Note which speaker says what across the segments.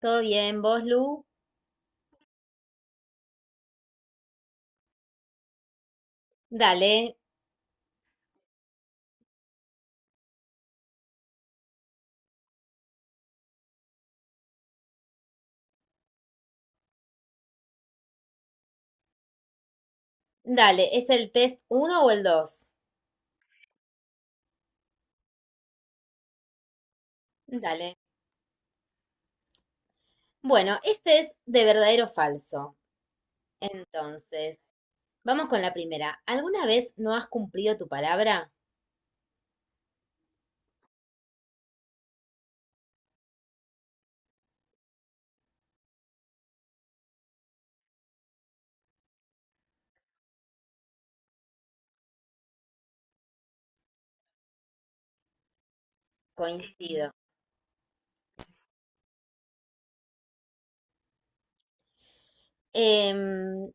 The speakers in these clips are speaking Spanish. Speaker 1: Todo bien, vos, Lu. Dale, dale. ¿Es el test uno o el dos? Dale. Bueno, este es de verdadero o falso. Entonces, vamos con la primera. ¿Alguna vez no has cumplido tu palabra? Coincido.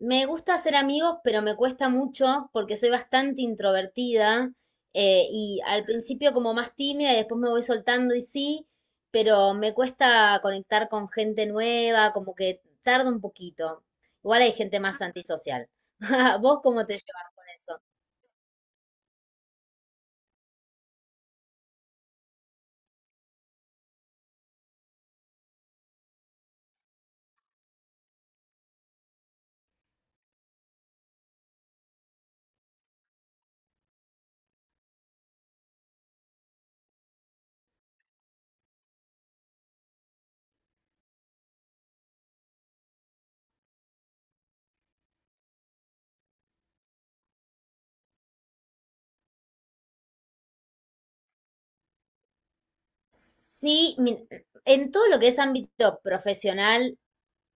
Speaker 1: Me gusta hacer amigos, pero me cuesta mucho porque soy bastante introvertida y al principio como más tímida y después me voy soltando y sí, pero me cuesta conectar con gente nueva, como que tarda un poquito. Igual hay gente más antisocial. ¿Vos cómo te llevas con eso? Sí, en todo lo que es ámbito profesional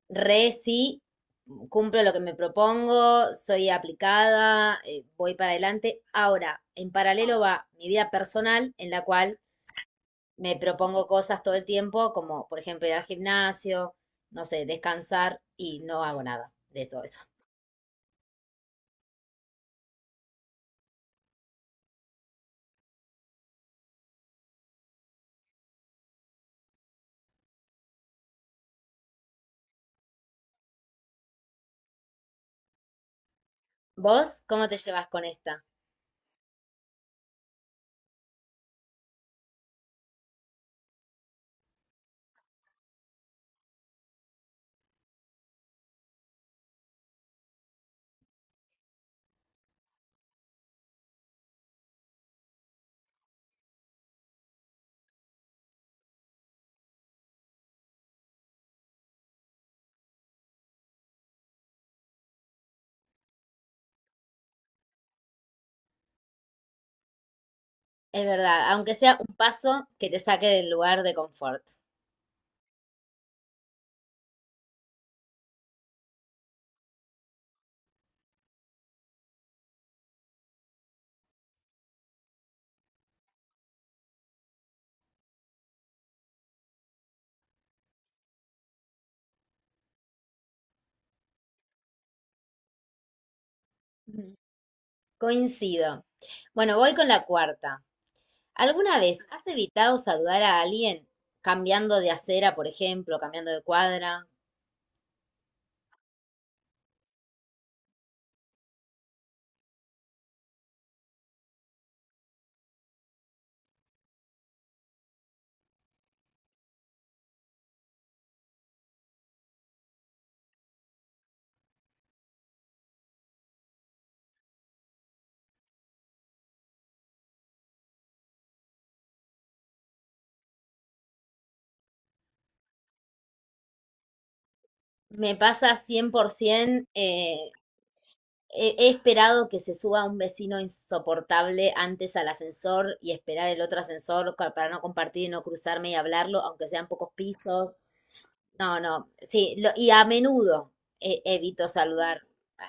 Speaker 1: re sí, cumplo lo que me propongo, soy aplicada, voy para adelante. Ahora, en paralelo va mi vida personal, en la cual me propongo cosas todo el tiempo, como por ejemplo ir al gimnasio, no sé, descansar y no hago nada de eso. ¿Vos cómo te llevas con esta? Es verdad, aunque sea un paso que te saque del lugar de confort. Ujú. Coincido. Bueno, voy con la cuarta. ¿Alguna vez has evitado saludar a alguien cambiando de acera, por ejemplo, cambiando de cuadra? Me pasa 100%, he esperado que se suba un vecino insoportable antes al ascensor y esperar el otro ascensor para no compartir y no cruzarme y hablarlo, aunque sean pocos pisos. No, no, sí, y a menudo evito saludar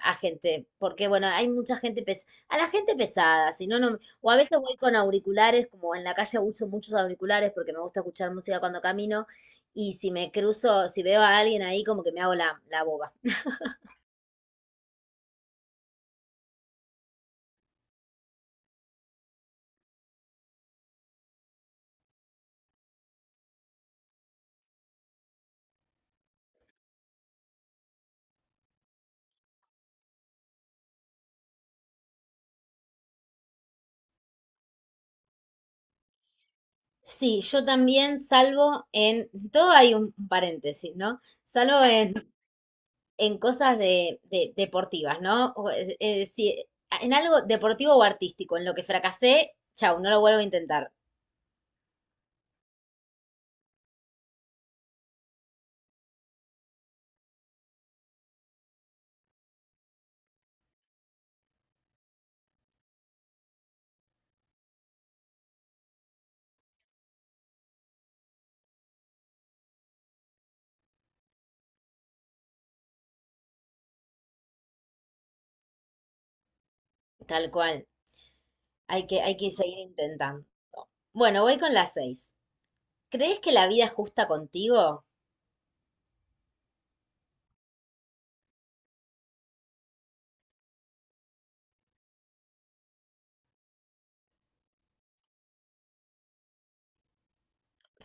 Speaker 1: a gente, porque bueno, hay mucha gente a la gente pesada, si no, no, o a veces voy con auriculares, como en la calle uso muchos auriculares porque me gusta escuchar música cuando camino, y si me cruzo, si veo a alguien ahí, como que me hago la boba. Sí, yo también salvo en, todo hay un paréntesis, ¿no? Salvo en cosas de, deportivas, ¿no? O, en algo deportivo o artístico, en lo que fracasé, chau, no lo vuelvo a intentar, tal cual. Hay que seguir intentando. Bueno, voy con las seis. ¿Crees que la vida es justa contigo?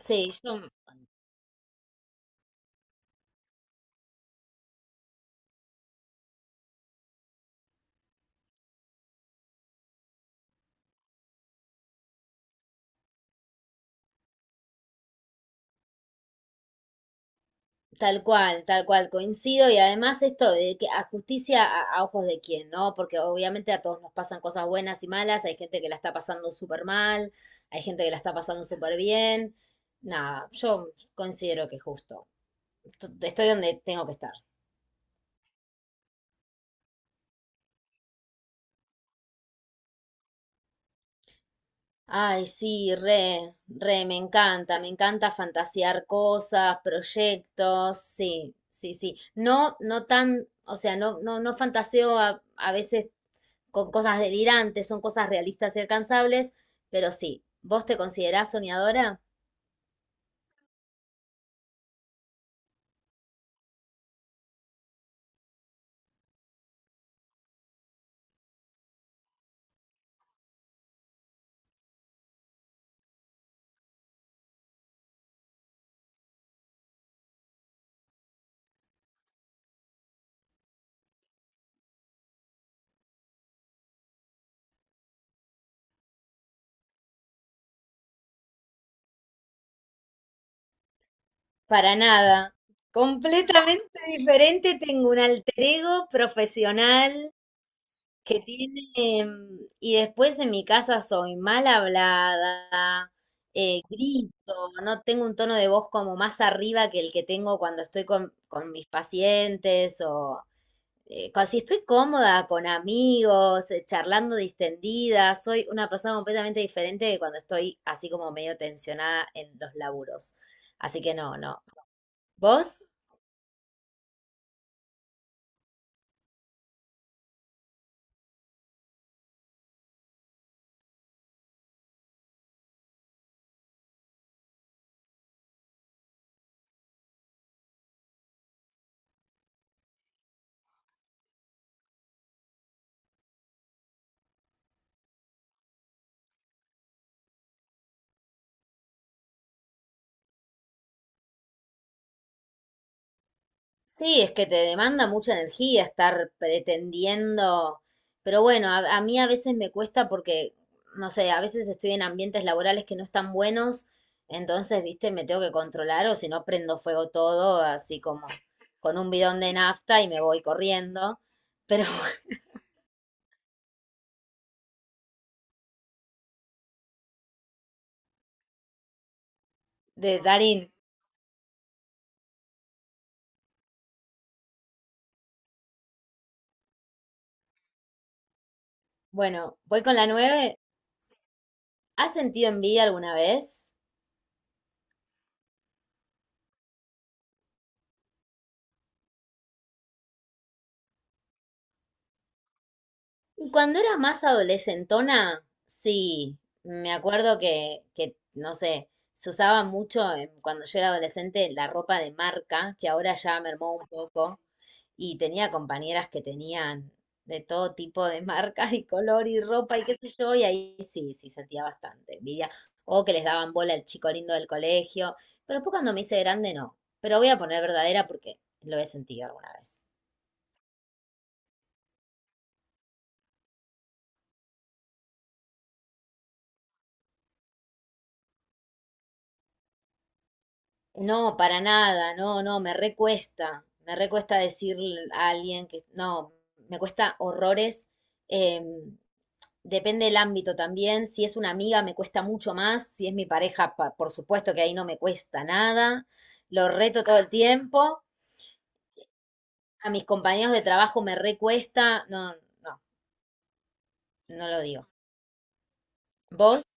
Speaker 1: Sí, yo. Tal cual, coincido. Y además esto de que a justicia a ojos de quién, ¿no? Porque obviamente a todos nos pasan cosas buenas y malas, hay gente que la está pasando súper mal, hay gente que la está pasando súper bien. Nada, yo considero que justo. Estoy donde tengo que estar. Ay, sí, re, re, me encanta fantasear cosas, proyectos, sí, sí, sí. No, no tan, o sea, no, no, no fantaseo a veces con cosas delirantes, son cosas realistas y alcanzables, pero sí, ¿vos te considerás soñadora? Para nada. Completamente diferente, tengo un alter ego profesional que tiene, y después en mi casa soy mal hablada, grito, no tengo un tono de voz como más arriba que el que tengo cuando estoy con mis pacientes o si estoy cómoda con amigos, charlando distendida, soy una persona completamente diferente de cuando estoy así como medio tensionada en los laburos. Así que no, no. ¿Vos? Sí, es que te demanda mucha energía estar pretendiendo, pero bueno, a mí a veces me cuesta porque, no sé, a veces estoy en ambientes laborales que no están buenos, entonces, viste, me tengo que controlar o si no prendo fuego todo, así como con un bidón de nafta y me voy corriendo. Pero de Darín. Bueno, voy con la nueve. ¿Has sentido envidia alguna vez? Cuando era más adolescentona, sí. Me acuerdo que, no sé, se usaba mucho cuando yo era adolescente la ropa de marca, que ahora ya mermó un poco. Y tenía compañeras que tenían de todo tipo de marcas y color y ropa y qué sé yo, y ahí sí, sí sentía bastante envidia. O que les daban bola al chico lindo del colegio, pero después cuando me hice grande no. Pero voy a poner verdadera porque lo he sentido alguna vez. No, para nada, no, no, me recuesta decir a alguien que no, me cuesta horrores. em, Depende del ámbito también, si es una amiga me cuesta mucho más, si es mi pareja, por supuesto que ahí no me cuesta nada, lo reto todo el tiempo, a mis compañeros de trabajo me recuesta, no, no, no lo digo. ¿Vos?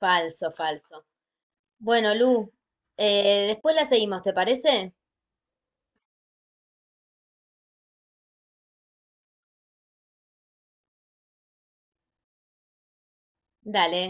Speaker 1: Falso, falso. Bueno, Lu, después la seguimos, ¿te parece? Dale.